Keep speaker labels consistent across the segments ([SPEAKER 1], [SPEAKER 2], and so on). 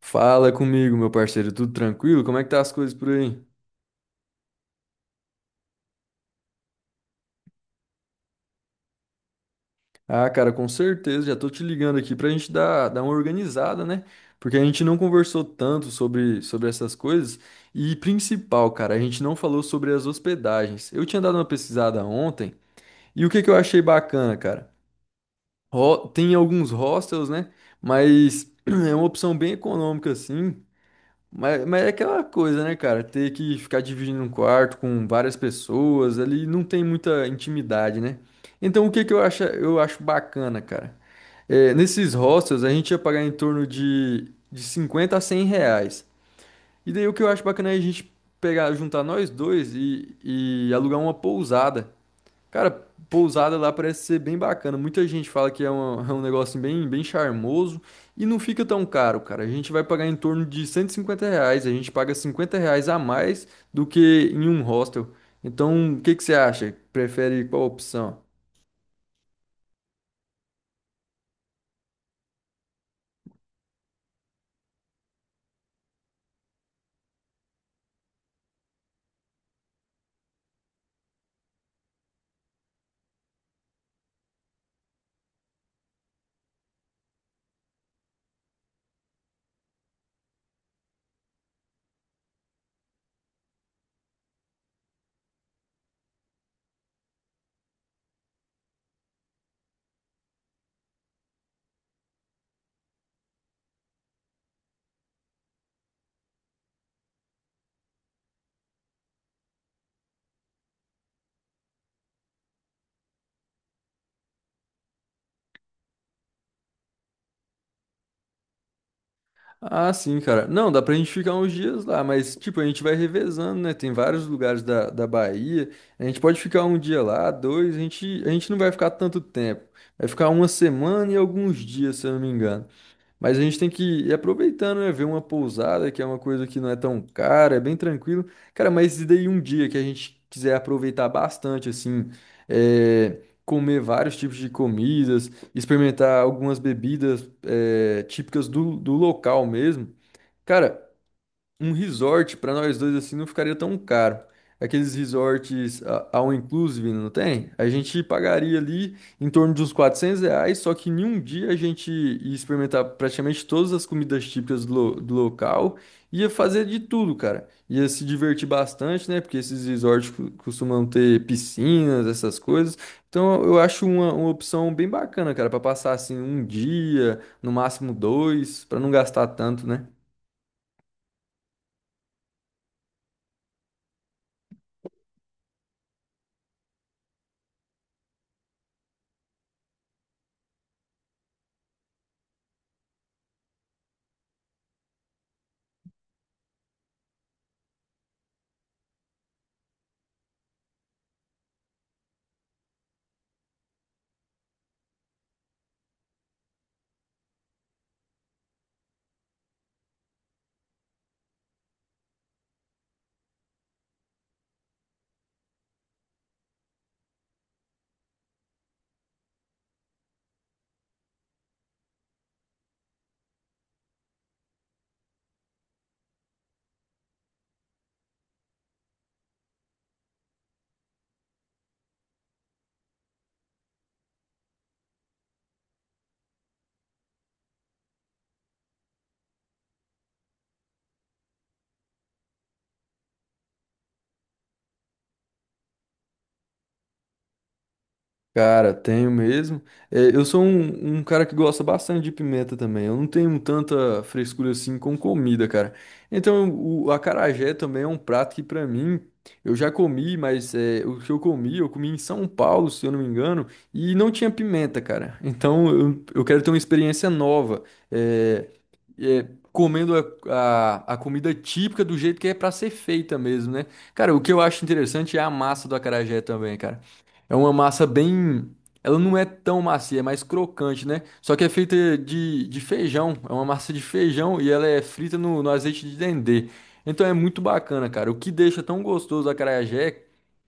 [SPEAKER 1] Fala comigo, meu parceiro, tudo tranquilo? Como é que tá as coisas por aí? Ah, cara, com certeza, já tô te ligando aqui pra gente dar uma organizada, né? Porque a gente não conversou tanto sobre essas coisas. E principal, cara, a gente não falou sobre as hospedagens. Eu tinha dado uma pesquisada ontem e o que que eu achei bacana, cara? Tem alguns hostels, né? Mas é uma opção bem econômica, assim. Mas é aquela coisa, né, cara? Ter que ficar dividindo um quarto com várias pessoas ali não tem muita intimidade, né? Então o que que eu acho bacana, cara? É, nesses hostels a gente ia pagar em torno de R$ 50 a R$ 100. E daí o que eu acho bacana é a gente pegar, juntar nós dois e alugar uma pousada. Cara, pousada lá parece ser bem bacana. Muita gente fala que é um negócio bem charmoso e não fica tão caro, cara. A gente vai pagar em torno de R$ 150. A gente paga R$ 50 a mais do que em um hostel. Então, o que que você acha? Prefere qual opção? Ah, sim, cara. Não, dá pra gente ficar uns dias lá, mas, tipo, a gente vai revezando, né? Tem vários lugares da Bahia. A gente pode ficar um dia lá, dois. A gente não vai ficar tanto tempo. Vai ficar uma semana e alguns dias, se eu não me engano. Mas a gente tem que ir aproveitando, né? Ver uma pousada, que é uma coisa que não é tão cara, é bem tranquilo. Cara, mas e daí um dia que a gente quiser aproveitar bastante, assim, comer vários tipos de comidas, experimentar algumas bebidas, típicas do local mesmo. Cara, um resort pra nós dois assim não ficaria tão caro. Aqueles resorts all inclusive, não tem? A gente pagaria ali em torno de uns R$ 400, só que em um dia a gente ia experimentar praticamente todas as comidas típicas do local, ia fazer de tudo, cara. Ia se divertir bastante, né? Porque esses resorts costumam ter piscinas, essas coisas. Então eu acho uma opção bem bacana, cara, pra passar assim um dia, no máximo dois, pra não gastar tanto, né? Cara, tenho mesmo. É, eu sou um cara que gosta bastante de pimenta também. Eu não tenho tanta frescura assim com comida, cara. Então, o acarajé também é um prato que, pra mim, eu já comi, mas o que eu comi em São Paulo, se eu não me engano, e não tinha pimenta, cara. Então, eu quero ter uma experiência nova. É, é, Comendo a, a comida típica do jeito que é pra ser feita mesmo, né? Cara, o que eu acho interessante é a massa do acarajé também, cara. É uma massa bem. Ela não é tão macia, é mais crocante, né? Só que é feita de feijão. É uma massa de feijão e ela é frita no azeite de dendê. Então é muito bacana, cara. O que deixa tão gostoso a acarajé,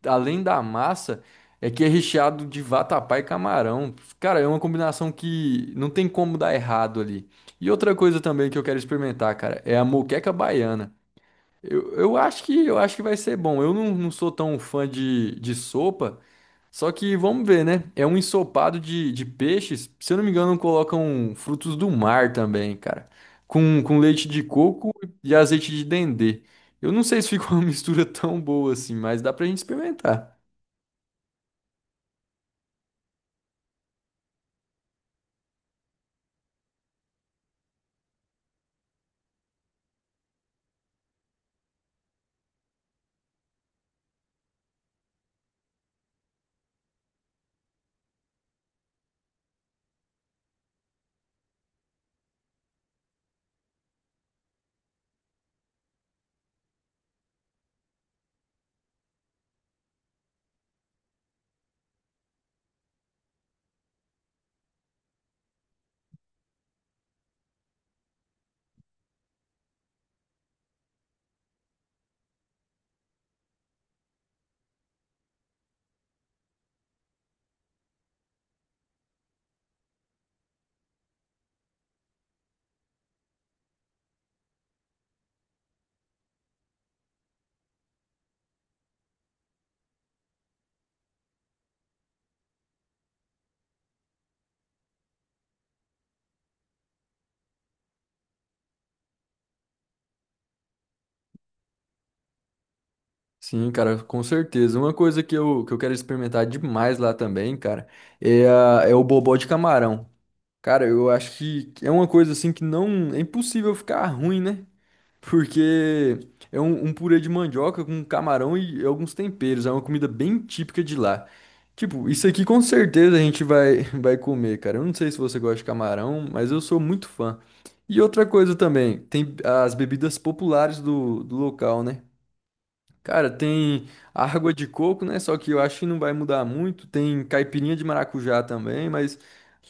[SPEAKER 1] além da massa, é que é recheado de vatapá e camarão. Cara, é uma combinação que não tem como dar errado ali. E outra coisa também que eu quero experimentar, cara, é a moqueca baiana. Eu acho que vai ser bom. Eu não sou tão fã de sopa. Só que vamos ver, né? É um ensopado de peixes. Se eu não me engano, colocam frutos do mar também, cara. Com leite de coco e azeite de dendê. Eu não sei se ficou uma mistura tão boa assim, mas dá pra gente experimentar. Sim, cara, com certeza. Uma coisa que eu quero experimentar demais lá também, cara, é o bobó de camarão. Cara, eu acho que é uma coisa assim que não é impossível ficar ruim, né? Porque é um purê de mandioca com camarão e alguns temperos. É uma comida bem típica de lá. Tipo, isso aqui com certeza a gente vai, vai comer, cara. Eu não sei se você gosta de camarão, mas eu sou muito fã. E outra coisa também, tem as bebidas populares do local, né? Cara, tem água de coco, né? Só que eu acho que não vai mudar muito. Tem caipirinha de maracujá também, mas.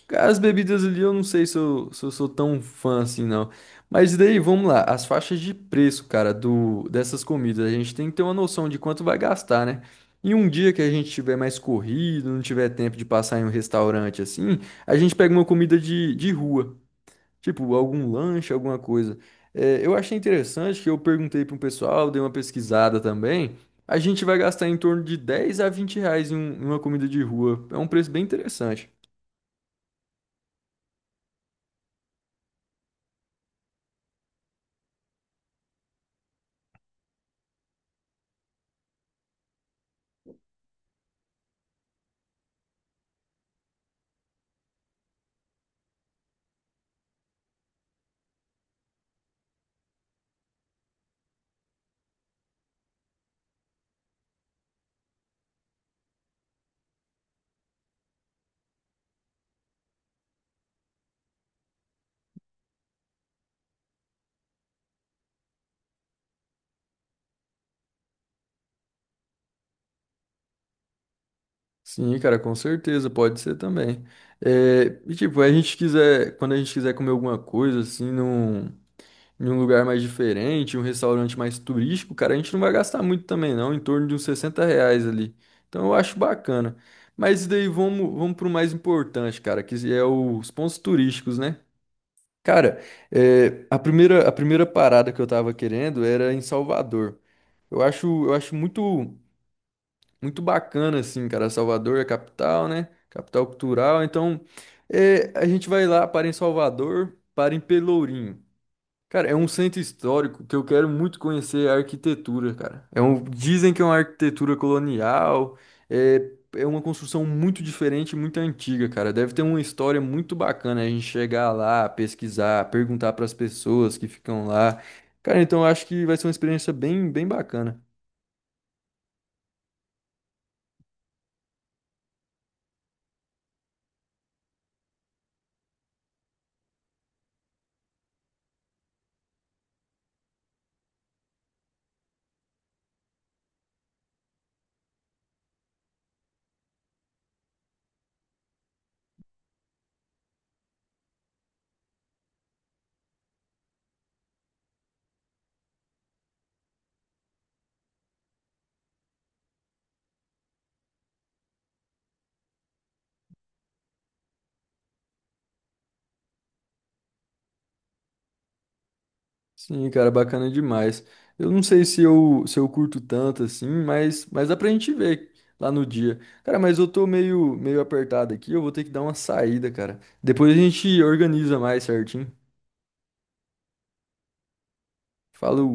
[SPEAKER 1] Cara, as bebidas ali eu não sei se eu sou tão fã assim, não. Mas daí, vamos lá, as faixas de preço, cara, do dessas comidas, a gente tem que ter uma noção de quanto vai gastar, né? Em um dia que a gente tiver mais corrido, não tiver tempo de passar em um restaurante assim, a gente pega uma comida de rua, tipo algum lanche, alguma coisa. É, eu achei interessante que eu perguntei para um pessoal, dei uma pesquisada também. A gente vai gastar em torno de R$ 10 a R$ 20 em uma comida de rua. É um preço bem interessante. Sim, cara, com certeza, pode ser também. É, e tipo, quando a gente quiser comer alguma coisa, assim, em um lugar mais diferente, um restaurante mais turístico, cara, a gente não vai gastar muito também, não, em torno de uns R$ 60 ali. Então eu acho bacana. Mas daí vamos pro mais importante, cara, que é os pontos turísticos, né? Cara, a primeira parada que eu tava querendo era em Salvador. Eu acho muito muito bacana, assim, cara. Salvador é a capital, né? Capital cultural. Então, a gente vai lá, para em Salvador, para em Pelourinho. Cara, é um centro histórico que eu quero muito conhecer a arquitetura, cara. Dizem que é uma arquitetura colonial, é uma construção muito diferente, muito antiga, cara. Deve ter uma história muito bacana a gente chegar lá, pesquisar, perguntar para as pessoas que ficam lá. Cara, então eu acho que vai ser uma experiência bem, bem bacana. Sim, cara, bacana demais. Eu não sei se eu curto tanto assim, mas, dá pra gente ver lá no dia. Cara, mas eu tô meio, meio apertado aqui, eu vou ter que dar uma saída, cara. Depois a gente organiza mais certinho. Falou.